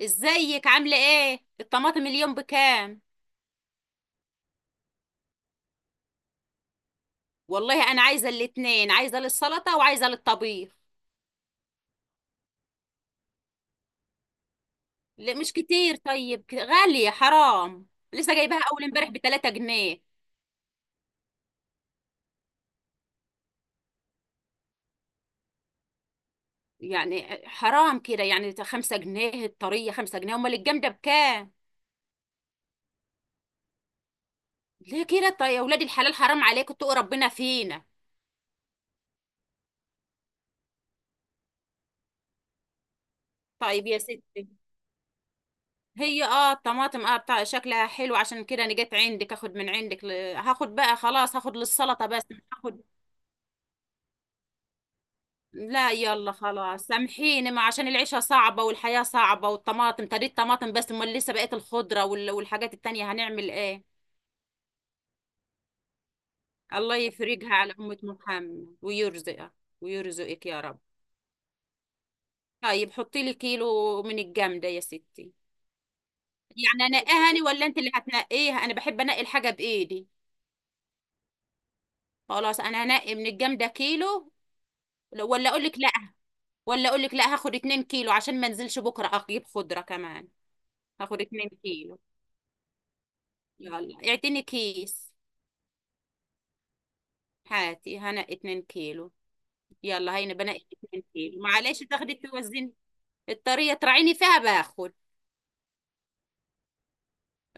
ازيك؟ عامله ايه؟ الطماطم اليوم بكام؟ والله انا عايزه الاتنين، عايزه للسلطه وعايزه للطبيخ. لا، مش كتير. طيب، غاليه، حرام. لسه جايباها اول امبارح ب 3 جنيه. يعني حرام كده، يعني 5 جنيه الطريه، 5 جنيه، امال الجامده بكام؟ ليه كده؟ طيب يا ولاد الحلال، حرام عليكم، اتقوا ربنا فينا. طيب يا ستي. هي الطماطم بتاع شكلها حلو، عشان كده انا جيت عندك اخد من عندك هاخد بقى. خلاص هاخد للسلطه بس. هاخد. لا، يلا خلاص سامحيني، ما عشان العيشة صعبة والحياة صعبة والطماطم طريقة الطماطم، بس امال لسه بقية الخضرة والحاجات التانية، هنعمل ايه؟ الله يفرجها على أمة محمد ويرزقها. ويرزقك يا رب. طيب حطي لي كيلو من الجامدة يا ستي. يعني انقيها أنا ولا انت اللي هتنقيها؟ انا بحب انقي الحاجة بايدي. خلاص، انا هنقي من الجامدة كيلو. ولا اقول لك لا. ولا اقول لك لا، هاخد اتنين كيلو عشان ما انزلش بكرة اجيب خضرة كمان. هاخد اتنين كيلو. يلا، اعتني كيس. هاتي هنا 2 كيلو. يلا، هينا بنقي 2 كيلو. معلش تاخدي توزني. الطرية تراعيني فيها باخد.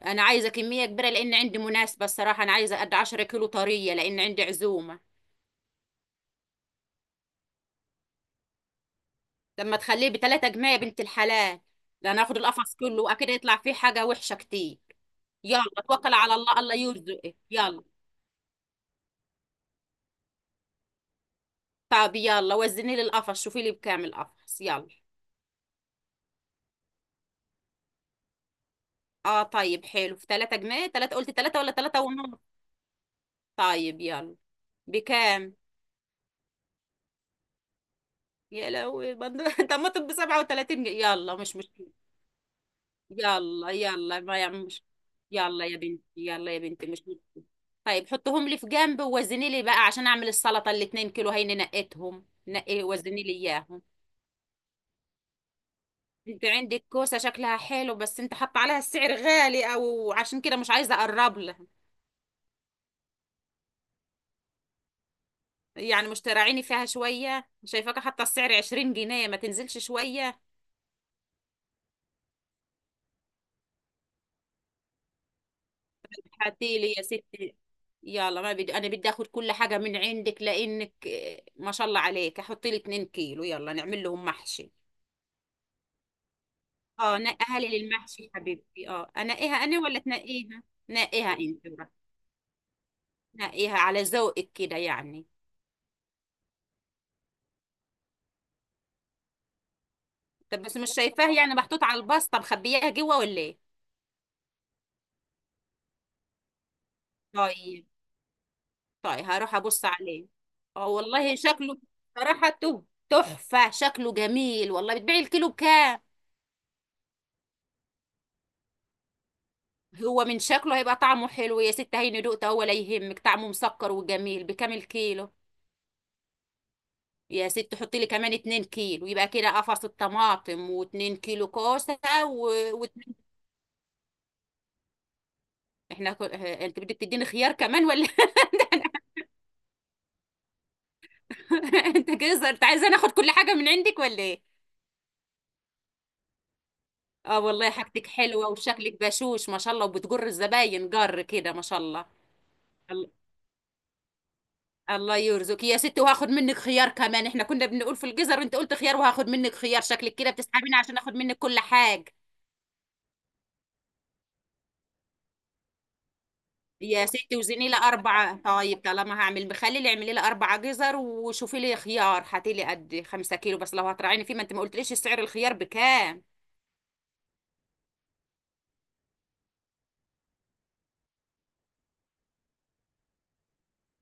انا عايزة كمية كبيرة لان عندي مناسبة. الصراحة انا عايزة قد 10 كيلو طرية لان عندي عزومة. لما تخليه بتلاتة جنيه يا بنت الحلال. ده انا اخد القفص كله واكيد يطلع فيه حاجة وحشة كتير. يلا توكل على الله. الله يرزقك، يلا. طب يلا وزني لي القفص. شوفي لي بكام القفص يلا. اه طيب حلو، في 3 جنيه. 3 قلت 3 ولا 3 ونص؟ طيب يلا. بكام؟ يا لهوي! طب ما تبقى 37 جنيه يلا، مش مشكلة. يلا يلا، ما يعني مش. يلا يا بنتي، يلا يا بنتي، مش مشكلة. طيب حطهم لي في جنب ووزني لي بقى عشان اعمل السلطة. الاتنين كيلو هيني نقيتهم، نقي وزني لي اياهم. انت عندك كوسة شكلها حلو، بس انت حاطه عليها السعر غالي، او عشان كده مش عايزة اقرب لها. يعني مش تراعيني فيها شوية؟ شايفاك حاطه السعر 20 جنيه، ما تنزلش شوية؟ هاتي لي يا ستي. يلا، ما بدي انا بدي اخذ كل حاجه من عندك لانك ما شاء الله عليك. احط لي 2 كيلو يلا نعمل لهم محشي. اه نقيها لي للمحشي حبيبتي. اه انقيها انا ولا تنقيها؟ نقيها انت بقى. نقيها على ذوقك كده يعني. طب بس مش شايفاه، يعني محطوط على الباستا مخبياها جوه ولا ايه؟ طيب. طيب هروح ابص عليه. اه والله شكله، صراحه، تحفه. شكله جميل والله. بتبيعي الكيلو بكام؟ هو من شكله هيبقى طعمه حلو يا ست. هيني دقته ولا يهمك، طعمه مسكر وجميل. بكام كيلو؟ يا ست حطي لي كمان 2 كيلو، يبقى كده قفص الطماطم و2 كيلو كوسه. و... و... احنا انت بدك تديني خيار كمان ولا؟ انت كده انت عايزه ناخد كل حاجه من عندك ولا ايه؟ اه والله حاجتك حلوه وشكلك بشوش ما شاء الله، وبتجر الزباين جر كده ما شاء الله. الله يرزقك يا ستي، وهاخد منك خيار كمان. احنا كنا بنقول في الجزر وانت قلت خيار، وهاخد منك خيار. شكلك كده بتسحبيني عشان اخد منك كل حاجة. يا ستي وزنيلة 4. طيب طالما هعمل مخلل اعملي لي 4 جزر، وشوفي لي خيار هاتي لي قد 5 كيلو بس لو هتراعيني فيه، ما انت ما قلتليش سعر الخيار بكام.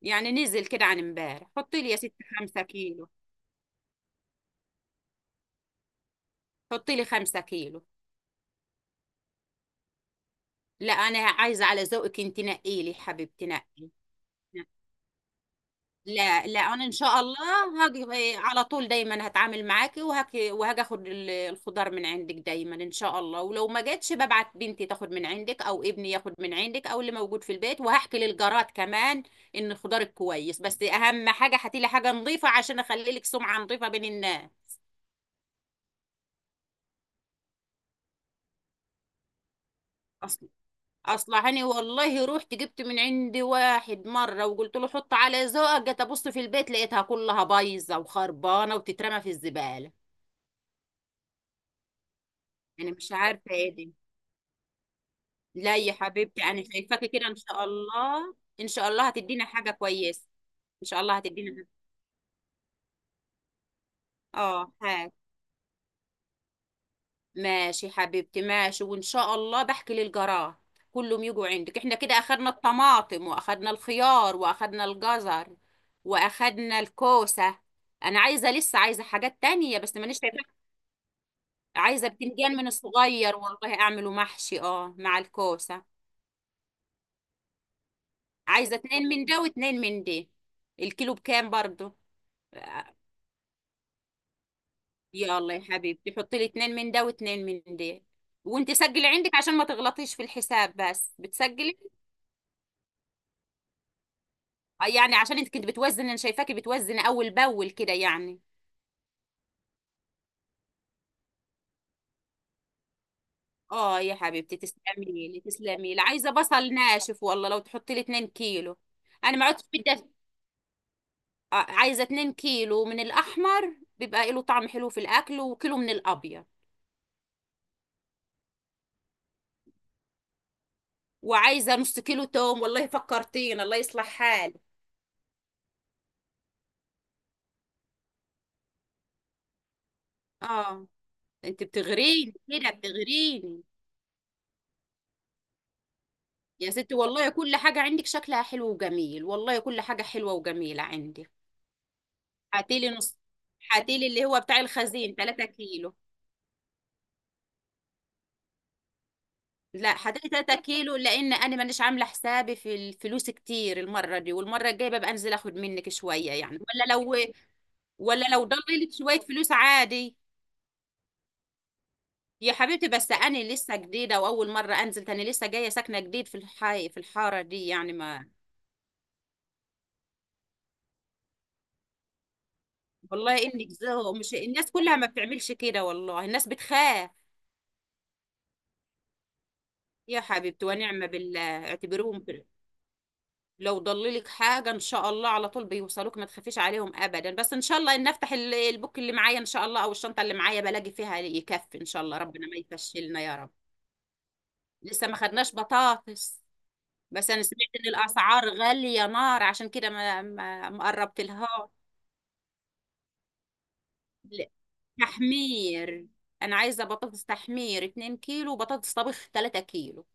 يعني نزل كده عن امبارح. حطي لي يا ستي. 5 كيلو. حطي لي 5 كيلو. لا، أنا عايزة على ذوقك، انت نقي لي حبيبتي، نقي. نعم. لا لا، انا ان شاء الله. هاجي. على طول دايما هتعامل معاكي وهاجي وهاجي اخد الخضار من عندك دايما ان شاء الله، ولو ما جاتش ببعت بنتي تاخد من عندك او ابني ياخد من عندك او اللي موجود في البيت. وهحكي للجارات كمان ان الخضار كويس، بس اهم حاجه هاتي لي حاجه نظيفه عشان اخلي لك سمعه نظيفه بين الناس. اصل اصلا هاني والله رحت جبت من عندي واحد مره وقلت له حط على ذوقك، جيت ابص في البيت لقيتها كلها بايظه وخربانه وتترمى في الزباله. انا مش عارفه ايه دي. لا يا حبيبتي، انا شايفاكي كده ان شاء الله. ان شاء الله هتدينا حاجه كويسه. ان شاء الله هتدينا حاجة. اه، حاجه. ماشي حبيبتي ماشي. وان شاء الله بحكي للجراح كلهم يجوا عندك. احنا كده اخدنا الطماطم واخدنا الخيار واخدنا الجزر واخدنا الكوسه. انا عايزه، لسه عايزه حاجات تانية بس مانيش شايفه. عايزه بتنجان من الصغير والله اعمله محشي، اه، مع الكوسه. عايزه اتنين من ده واتنين من ده. الكيلو بكام برضو؟ يلا يا حبيبتي، حطي لي اتنين من ده واتنين من ده. وانت سجلي عندك عشان ما تغلطيش في الحساب. بس بتسجلي؟ يعني عشان انت كنت بتوزني، انا شايفاكي بتوزني اول باول كده يعني. اه يا حبيبتي، تسلمي لي تسلمي لي. عايزه بصل ناشف والله، لو تحطي لي 2 كيلو. انا ما عدتش بدي عايزه 2 كيلو من الاحمر بيبقى له طعم حلو في الاكل، وكيلو من الابيض. وعايزه نص كيلو توم والله، فكرتين الله يصلح حالي. اه، انت بتغريني كده بتغريني. يا ستي والله كل حاجة عندك شكلها حلو وجميل، والله كل حاجة حلوة وجميلة عندك. هاتيلي نص. هاتيلي اللي هو بتاع الخزين 3 كيلو. لا، هاتيلي 3 كيلو لأن أنا مانيش عاملة حسابي في الفلوس كتير المرة دي، والمرة الجاية ببقى أنزل أخد منك شوية يعني ولا لو. ولا لو ضللت شوية فلوس عادي. يا حبيبتي بس أنا لسه جديدة وأول مرة أنزل تاني، لسه جاية ساكنة جديد في الحي في الحارة دي يعني ما. والله إنك زهق، مش الناس كلها ما بتعملش كده، والله الناس بتخاف. يا حبيبتي ونعم بالله اعتبريهم لو ضللك حاجة ان شاء الله على طول بيوصلوك، ما تخافيش عليهم ابدا. بس ان شاء الله ان افتح البوك اللي معايا ان شاء الله او الشنطة اللي معايا بلاقي فيها يكفي ان شاء الله. ربنا ما يفشلنا يا رب. لسه ما خدناش بطاطس. بس انا سمعت ان الاسعار غالية نار، عشان كده ما قربت لها. لا، تحمير. انا عايزة بطاطس تحمير 2 كيلو وبطاطس طبخ 3 كيلو.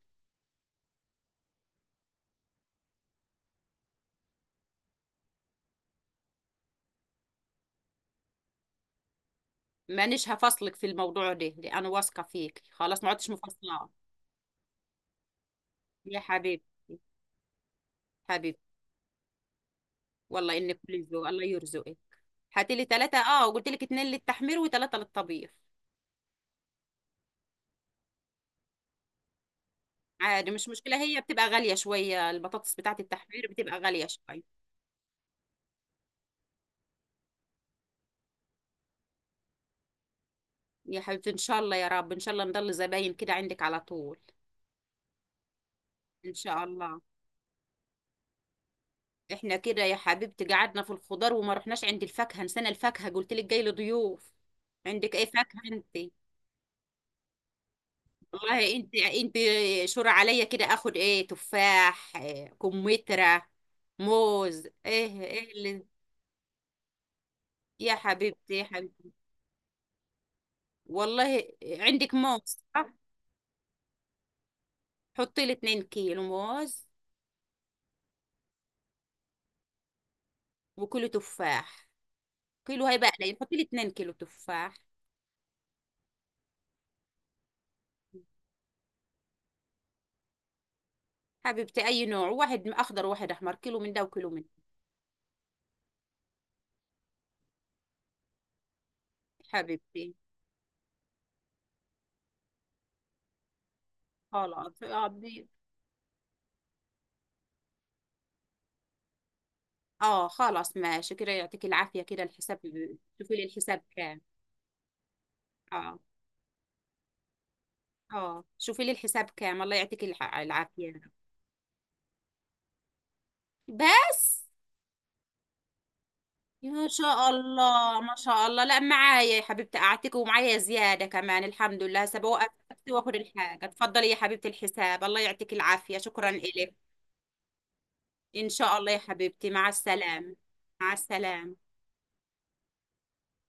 مانيش هفصلك في الموضوع ده، لأ، انا واثقة فيك خلاص ما عدتش مفصلة. يا حبيبتي. حبيبتي. والله انك كل الذوق، الله يرزقك. هاتي لي 3، اه، وقلت لك اتنين للتحمير وثلاثة للطبيخ. عادي مش مشكلة، هي بتبقى غالية شوية، البطاطس بتاعة التحمير بتبقى غالية شوية. يا حبيبتي ان شاء الله يا رب، ان شاء الله نضل زباين كده عندك على طول. ان شاء الله. احنا كده يا حبيبتي قعدنا في الخضار وما رحناش عند الفاكهة. نسينا الفاكهة، قلت لك جاي لي ضيوف. عندك اي فاكهة انت؟ والله انت شور عليا كده، اخد ايه؟ تفاح، إيه، كمثرى، موز، ايه ايه اللي. يا حبيبتي يا حبيبتي. والله عندك موز؟ صح. حطي لي 2 كيلو موز. وكيلو تفاح. كيلو هيبقى قليل، حطي لي 2 كيلو تفاح. حبيبتي اي نوع. واحد اخضر وواحد احمر، كيلو من ده وكيلو من ده. حبيبتي. خلاص، اه، خلاص ماشي كده، يعطيك العافية. كده الحساب؟ شوفي لي الحساب كام؟ اه. اه، شوفي لي الحساب كام. الله يعطيك العافية. بس. يا شاء الله، ما شاء الله، لا معايا يا حبيبتي قعدتك، ومعايا زيادة كمان الحمد لله، هسه بوقف. واخد الحاجة، اتفضلي يا حبيبتي الحساب. الله يعطيك العافية، شكرا إلك. إن شاء الله يا حبيبتي، مع السلامة. مع السلامة.